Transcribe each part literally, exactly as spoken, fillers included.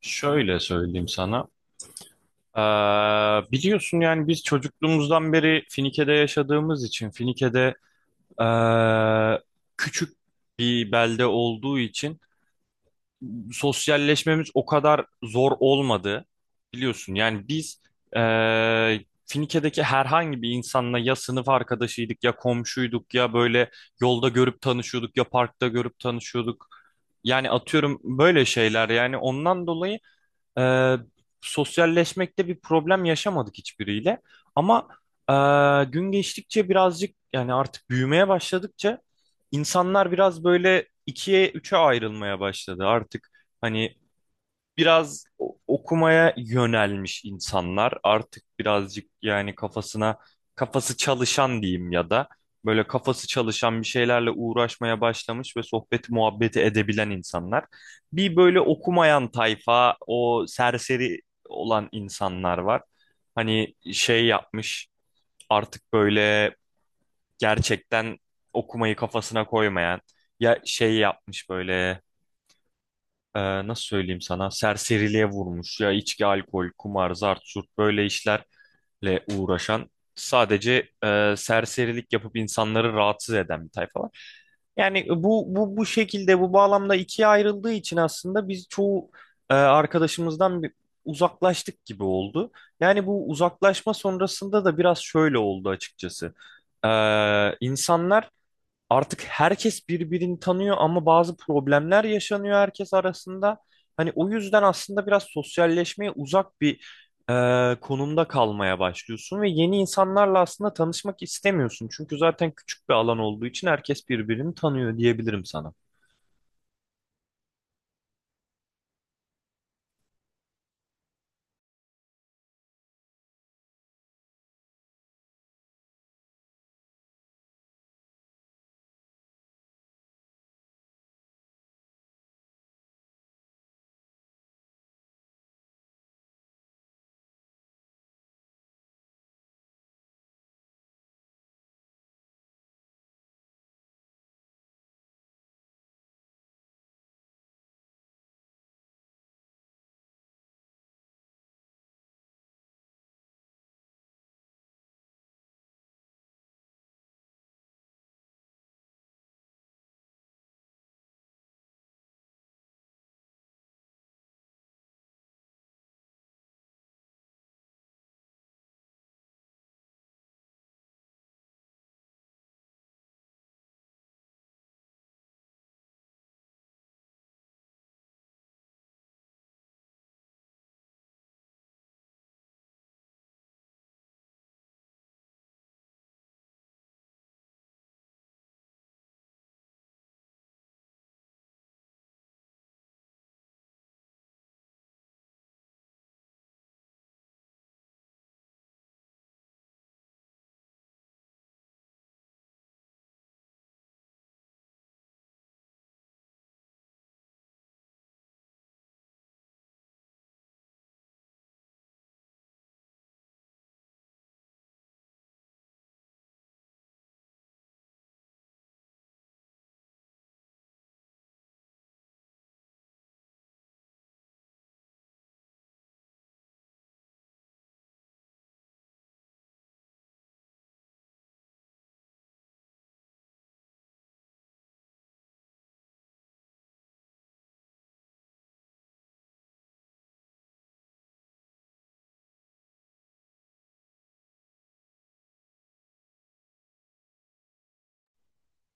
Şöyle söyleyeyim sana. Ee, Biliyorsun yani biz çocukluğumuzdan beri Finike'de yaşadığımız için Finike'de ee, küçük bir belde olduğu için sosyalleşmemiz o kadar zor olmadı. Biliyorsun yani biz ee, Finike'deki herhangi bir insanla ya sınıf arkadaşıydık ya komşuyduk ya böyle yolda görüp tanışıyorduk ya parkta görüp tanışıyorduk. Yani atıyorum böyle şeyler, yani ondan dolayı ee, sosyalleşmekte bir problem yaşamadık hiçbiriyle. Ama e, gün geçtikçe birazcık, yani artık büyümeye başladıkça insanlar biraz böyle ikiye üçe ayrılmaya başladı. Artık hani biraz o- okumaya yönelmiş insanlar, artık birazcık yani kafasına kafası çalışan diyeyim, ya da böyle kafası çalışan bir şeylerle uğraşmaya başlamış ve sohbeti muhabbeti edebilen insanlar. Bir böyle okumayan tayfa, o serseri olan insanlar var. Hani şey yapmış artık böyle gerçekten okumayı kafasına koymayan, ya şey yapmış böyle, e, nasıl söyleyeyim sana, serseriliğe vurmuş ya: içki, alkol, kumar, zart, zurt böyle işlerle uğraşan, sadece e, serserilik yapıp insanları rahatsız eden bir tayfa var. Yani bu bu bu şekilde, bu bağlamda ikiye ayrıldığı için aslında biz çoğu e, arkadaşımızdan bir uzaklaştık gibi oldu. Yani bu uzaklaşma sonrasında da biraz şöyle oldu açıkçası. E, insanlar, artık herkes birbirini tanıyor ama bazı problemler yaşanıyor herkes arasında. Hani o yüzden aslında biraz sosyalleşmeye uzak bir e, konumda kalmaya başlıyorsun ve yeni insanlarla aslında tanışmak istemiyorsun. Çünkü zaten küçük bir alan olduğu için herkes birbirini tanıyor diyebilirim sana.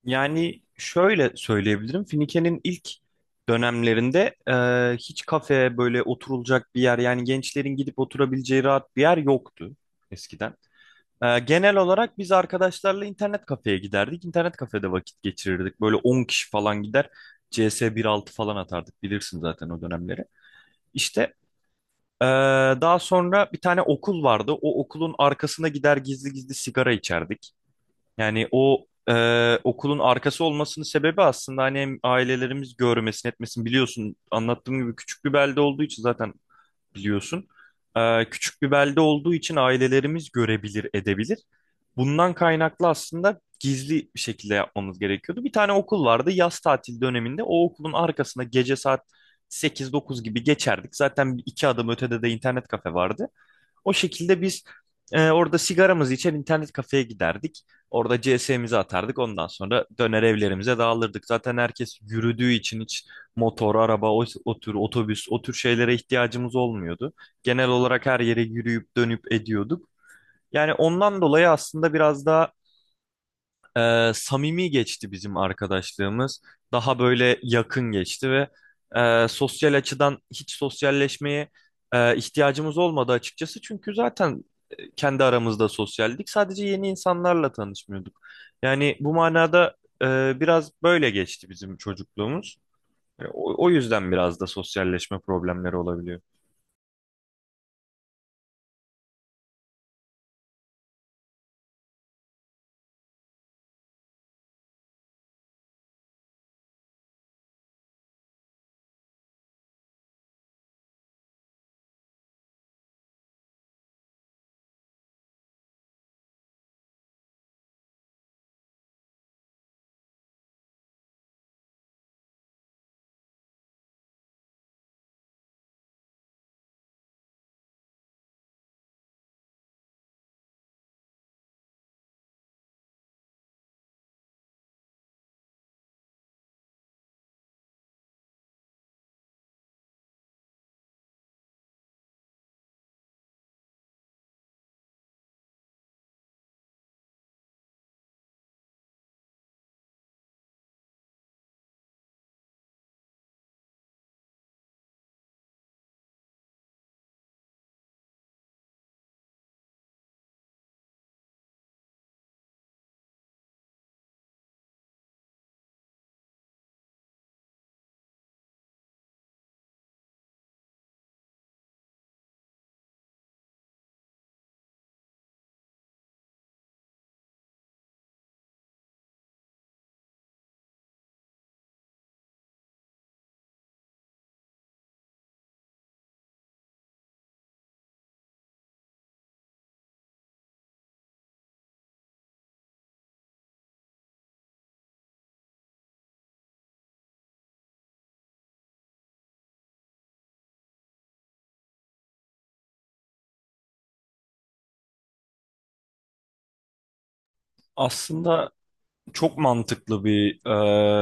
Yani şöyle söyleyebilirim: Finike'nin ilk dönemlerinde e, hiç kafe, böyle oturulacak bir yer, yani gençlerin gidip oturabileceği rahat bir yer yoktu eskiden. Ee, genel olarak biz arkadaşlarla internet kafeye giderdik. İnternet kafede vakit geçirirdik. Böyle on kişi falan gider, C S bir nokta altı falan atardık. Bilirsin zaten o dönemleri. İşte ee, daha sonra bir tane okul vardı. O okulun arkasına gider, gizli gizli sigara içerdik. Yani o ee, okulun arkası olmasının sebebi aslında hani hem ailelerimiz görmesin etmesin, biliyorsun anlattığım gibi küçük bir belde olduğu için zaten biliyorsun. Ee, küçük bir belde olduğu için ailelerimiz görebilir, edebilir. Bundan kaynaklı aslında gizli bir şekilde yapmamız gerekiyordu. Bir tane okul vardı yaz tatil döneminde. O okulun arkasına gece saat sekiz dokuz gibi geçerdik. Zaten iki adım ötede de internet kafe vardı. O şekilde biz e, orada sigaramızı içer, internet kafeye giderdik. Orada C S'mizi atardık. Ondan sonra döner, evlerimize dağılırdık. Zaten herkes yürüdüğü için hiç motor, araba, o, o tür otobüs, o tür şeylere ihtiyacımız olmuyordu. Genel olarak her yere yürüyüp dönüp ediyorduk. Yani ondan dolayı aslında biraz daha e, samimi geçti bizim arkadaşlığımız. Daha böyle yakın geçti ve e, sosyal açıdan hiç sosyalleşmeye e, ihtiyacımız olmadı açıkçası. Çünkü zaten e, kendi aramızda sosyaldik. Sadece yeni insanlarla tanışmıyorduk. Yani bu manada e, biraz böyle geçti bizim çocukluğumuz. E, O, o yüzden biraz da sosyalleşme problemleri olabiliyor. Aslında çok mantıklı bir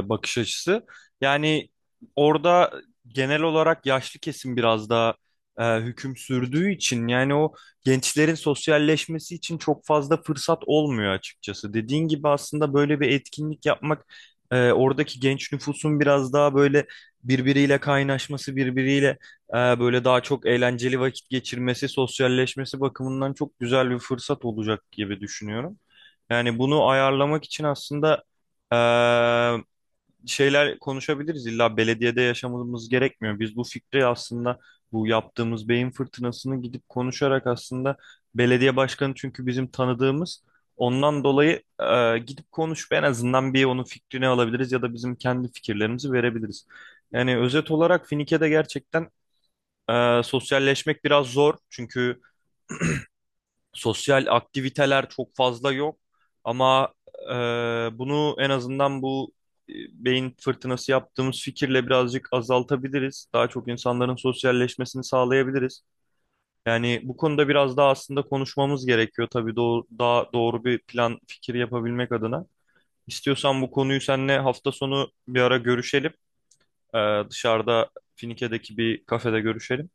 e, bakış açısı. Yani orada genel olarak yaşlı kesim biraz daha e, hüküm sürdüğü için, yani o gençlerin sosyalleşmesi için çok fazla fırsat olmuyor açıkçası. Dediğin gibi aslında böyle bir etkinlik yapmak e, oradaki genç nüfusun biraz daha böyle birbiriyle kaynaşması, birbiriyle e, böyle daha çok eğlenceli vakit geçirmesi, sosyalleşmesi bakımından çok güzel bir fırsat olacak gibi düşünüyorum. Yani bunu ayarlamak için aslında eee, şeyler konuşabiliriz. İlla belediyede yaşamamız gerekmiyor. Biz bu fikri, aslında bu yaptığımız beyin fırtınasını, gidip konuşarak aslında, belediye başkanı çünkü bizim tanıdığımız. Ondan dolayı eee, gidip konuşup en azından bir onun fikrini alabiliriz ya da bizim kendi fikirlerimizi verebiliriz. Yani özet olarak Finike'de gerçekten eee, sosyalleşmek biraz zor. Çünkü sosyal aktiviteler çok fazla yok, ama e, bunu en azından bu e, beyin fırtınası yaptığımız fikirle birazcık azaltabiliriz. Daha çok insanların sosyalleşmesini sağlayabiliriz. Yani bu konuda biraz daha aslında konuşmamız gerekiyor tabii, doğ- daha doğru bir plan, fikir yapabilmek adına. İstiyorsan bu konuyu seninle hafta sonu bir ara görüşelim. Ee, dışarıda, Finike'deki bir kafede görüşelim.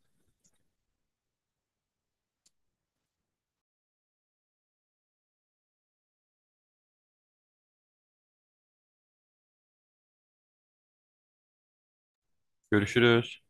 Görüşürüz.